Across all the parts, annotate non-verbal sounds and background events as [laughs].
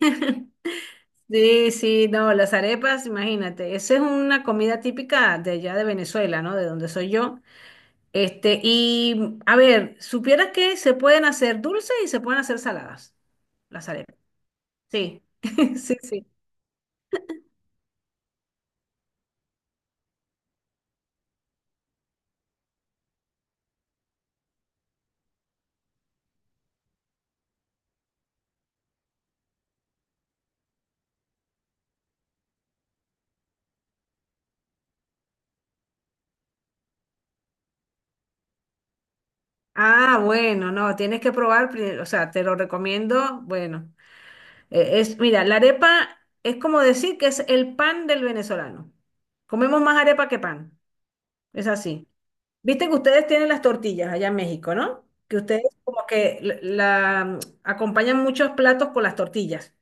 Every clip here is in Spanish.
[laughs] Sí, sí, no, las arepas, imagínate, esa es una comida típica de allá de Venezuela, ¿no? De donde soy yo. Este, y a ver, supieras que se pueden hacer dulces y se pueden hacer saladas, las arepas. Sí, [laughs] sí, sí. Ah, bueno, no, tienes que probar, o sea, te lo recomiendo. Bueno, mira, la arepa es como decir que es el pan del venezolano. Comemos más arepa que pan, es así. Viste que ustedes tienen las tortillas allá en México, ¿no? Que ustedes como que acompañan muchos platos con las tortillas,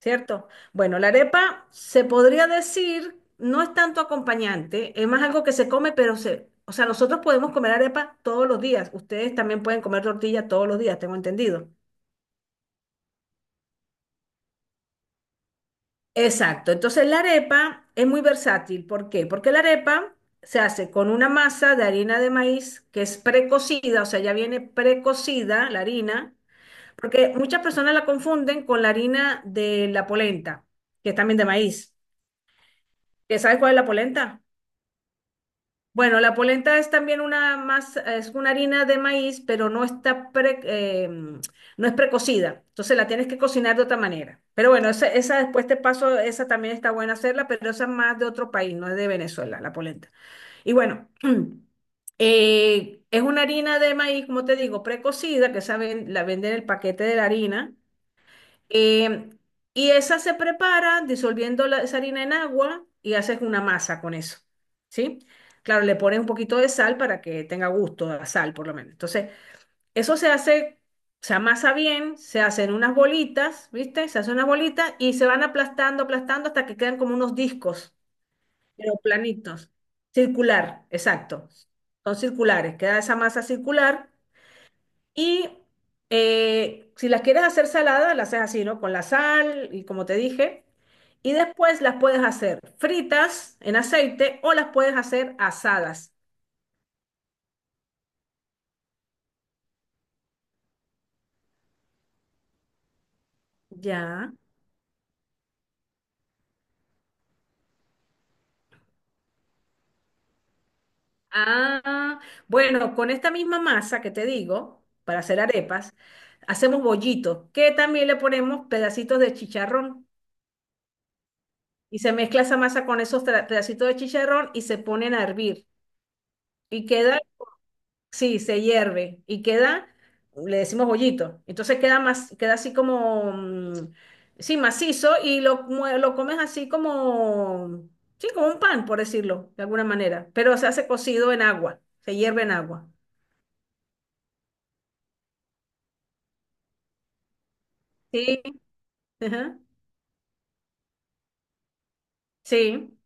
¿cierto? Bueno, la arepa se podría decir, no es tanto acompañante, es más algo que se come, pero o sea, nosotros podemos comer arepa todos los días, ustedes también pueden comer tortilla todos los días, tengo entendido. Exacto, entonces la arepa es muy versátil, ¿por qué? Porque la arepa se hace con una masa de harina de maíz que es precocida, o sea, ya viene precocida la harina. Porque muchas personas la confunden con la harina de la polenta, que es también de maíz. ¿Que sabes cuál es la polenta? Bueno, la polenta es también una más, es una harina de maíz, pero no es precocida. Entonces la tienes que cocinar de otra manera. Pero bueno, esa después te paso, esa también está buena hacerla, pero esa es más de otro país, no es de Venezuela, la polenta. Y bueno, [clears throat] es una harina de maíz, como te digo, precocida, que la venden en el paquete de la harina. Eh, y esa se prepara disolviendo esa harina en agua y haces una masa con eso, ¿sí? Claro, le pones un poquito de sal para que tenga gusto a sal, por lo menos. Entonces, eso se hace, se amasa bien, se hacen unas bolitas, ¿viste? Se hacen unas bolitas y se van aplastando, aplastando hasta que quedan como unos discos, pero planitos, circular, exacto. Son circulares, queda esa masa circular y si las quieres hacer saladas, las haces así, ¿no? Con la sal y como te dije. Y después las puedes hacer fritas en aceite o las puedes hacer asadas. Ya. Ah, bueno, con esta misma masa que te digo, para hacer arepas, hacemos bollitos, que también le ponemos pedacitos de chicharrón. Y se mezcla esa masa con pedacitos de chicharrón y se ponen a hervir. Y queda, sí, se hierve y queda, le decimos bollito. Entonces queda más, queda así como, sí, macizo y lo comes así como, sí, como un pan, por decirlo, de alguna manera. Pero se hace cocido en agua, se hierve en agua. Sí, ajá, sí.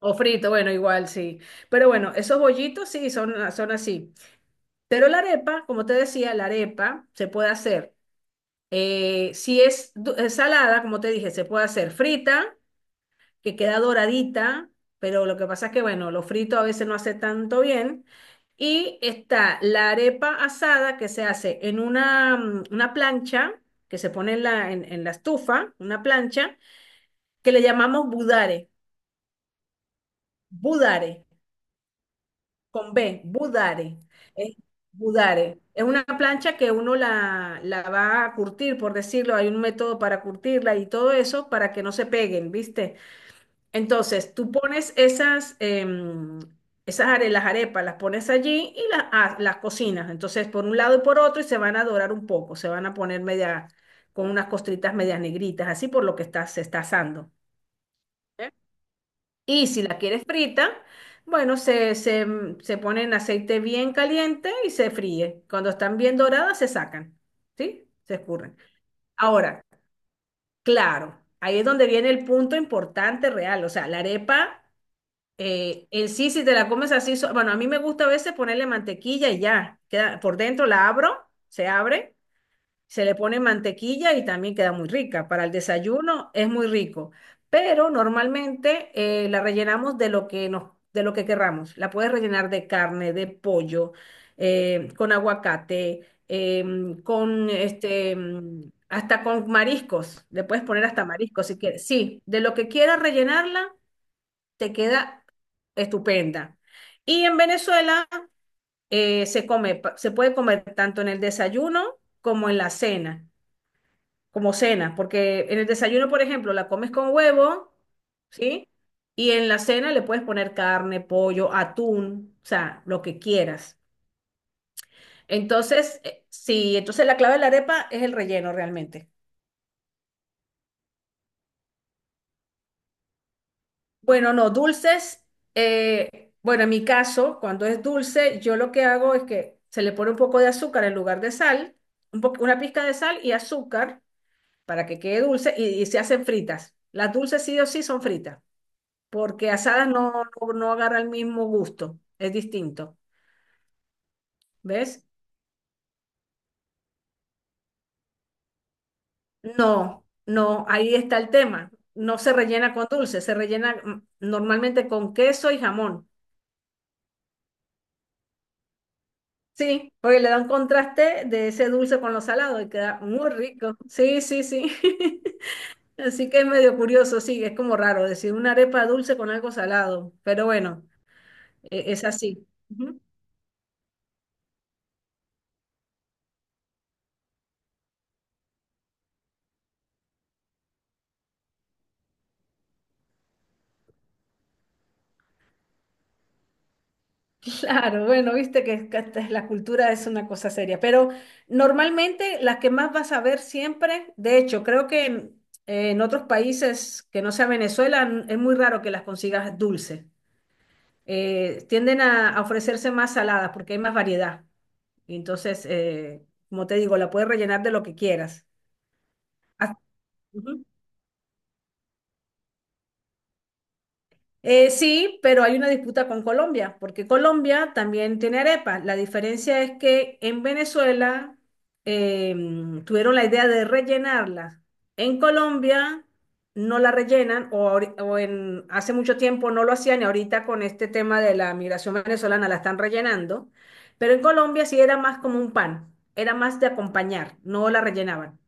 O frito, bueno, igual, sí. Pero bueno, esos bollitos sí son así. Pero la arepa, como te decía, la arepa se puede hacer, si es du- es salada, como te dije, se puede hacer frita que queda doradita, pero lo que pasa es que, bueno, lo frito a veces no hace tanto bien. Y está la arepa asada que se hace en una, una plancha, que se pone en en la estufa, una plancha, que le llamamos budare, budare, con B, budare. Es budare. Es una plancha que uno la va a curtir, por decirlo, hay un método para curtirla y todo eso para que no se peguen, ¿viste? Entonces, tú pones las arepas, las pones allí y las cocinas. Entonces, por un lado y por otro, y se van a dorar un poco, se van a poner media, con unas costritas medias negritas, así por lo que está, se está asando. ¿Eh? Y si la quieres frita, bueno, se pone en aceite bien caliente y se fríe. Cuando están bien doradas, se sacan, ¿sí? Se escurren. Ahora, claro, ahí es donde viene el punto importante real. O sea, la arepa. En sí, si te la comes así, bueno, a mí me gusta a veces ponerle mantequilla y ya, queda por dentro la abro, se abre, se le pone mantequilla y también queda muy rica. Para el desayuno es muy rico, pero normalmente la rellenamos de de lo que querramos. La puedes rellenar de carne, de pollo, con aguacate, hasta con mariscos. Le puedes poner hasta mariscos si quieres. Sí, de lo que quieras rellenarla te queda estupenda. Y en Venezuela se puede comer tanto en el desayuno como en la cena, como cena, porque en el desayuno, por ejemplo, la comes con huevo, ¿sí? Y en la cena le puedes poner carne, pollo, atún, o sea, lo que quieras. Entonces, sí, entonces la clave de la arepa es el relleno realmente. Bueno, no, dulces. Bueno, en mi caso, cuando es dulce, yo lo que hago es que se le pone un poco de azúcar en lugar de sal, una pizca de sal y azúcar para que quede dulce y se hacen fritas. Las dulces sí o sí son fritas, porque asadas no, no, no agarra el mismo gusto, es distinto. ¿Ves? No, no, ahí está el tema. No se rellena con dulce, se rellena normalmente con queso y jamón. Sí, porque le da un contraste de ese dulce con lo salado y queda muy rico. Sí, sí, sí. [laughs] Así que es medio curioso, sí, es como raro decir una arepa dulce con algo salado, pero bueno, es así. Ujú. [laughs] Claro, bueno, viste que esta es la cultura es una cosa seria, pero normalmente las que más vas a ver siempre, de hecho, creo que en otros países que no sea Venezuela es muy raro que las consigas dulce. Tienden a ofrecerse más saladas porque hay más variedad. Y entonces, como te digo, la puedes rellenar de lo que quieras. Ah, ujú. Sí, pero hay una disputa con Colombia, porque Colombia también tiene arepa. La diferencia es que en Venezuela tuvieron la idea de rellenarla. En Colombia no la rellenan o, ahori- o en, hace mucho tiempo no lo hacían y ahorita con este tema de la migración venezolana la están rellenando. Pero en Colombia sí era más como un pan, era más de acompañar, no la rellenaban.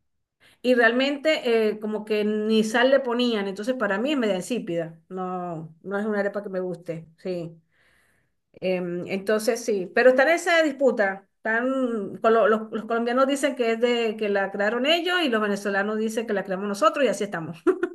Y realmente como que ni sal le ponían, entonces para mí es media insípida, no, no es una arepa que me guste, sí. Entonces sí, pero está en esa disputa, están, los colombianos dicen que es de que la crearon ellos y los venezolanos dicen que la creamos nosotros y así estamos. [laughs]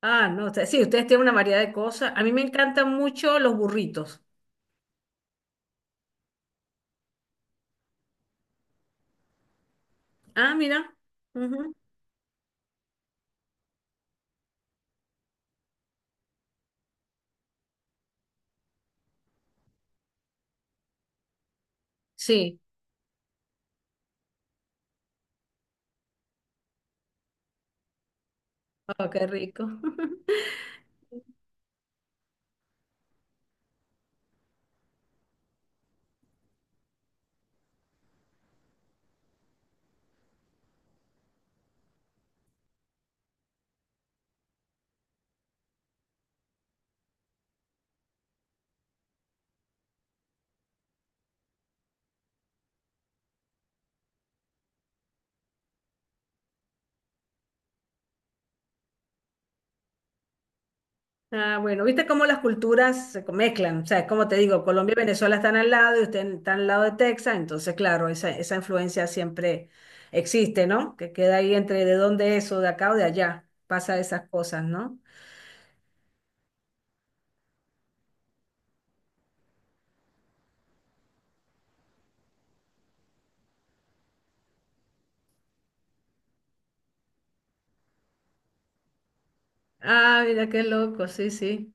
Ah, no, sí, ustedes tienen una variedad de cosas. A mí me encantan mucho los burritos. Ah, mira. Ujú. Sí. Oh, qué rico. [laughs] Ah, bueno, viste cómo las culturas se mezclan. O sea, como te digo, Colombia y Venezuela están al lado y usted está al lado de Texas, entonces, claro, esa influencia siempre existe, ¿no? Que queda ahí entre de dónde es o de acá o de allá. Pasa esas cosas, ¿no? Ah, mira qué loco, sí, sí.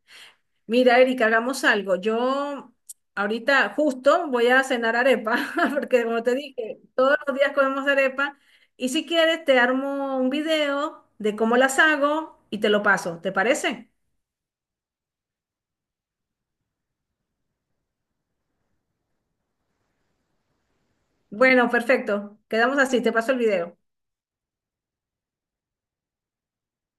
Mira, Erika, hagamos algo. Yo ahorita justo voy a cenar arepa, [laughs] porque como te dije, todos los días comemos arepa. Y si quieres, te armo un video de cómo las hago y te lo paso. ¿Te parece? Bueno, perfecto. Quedamos así, te paso el video.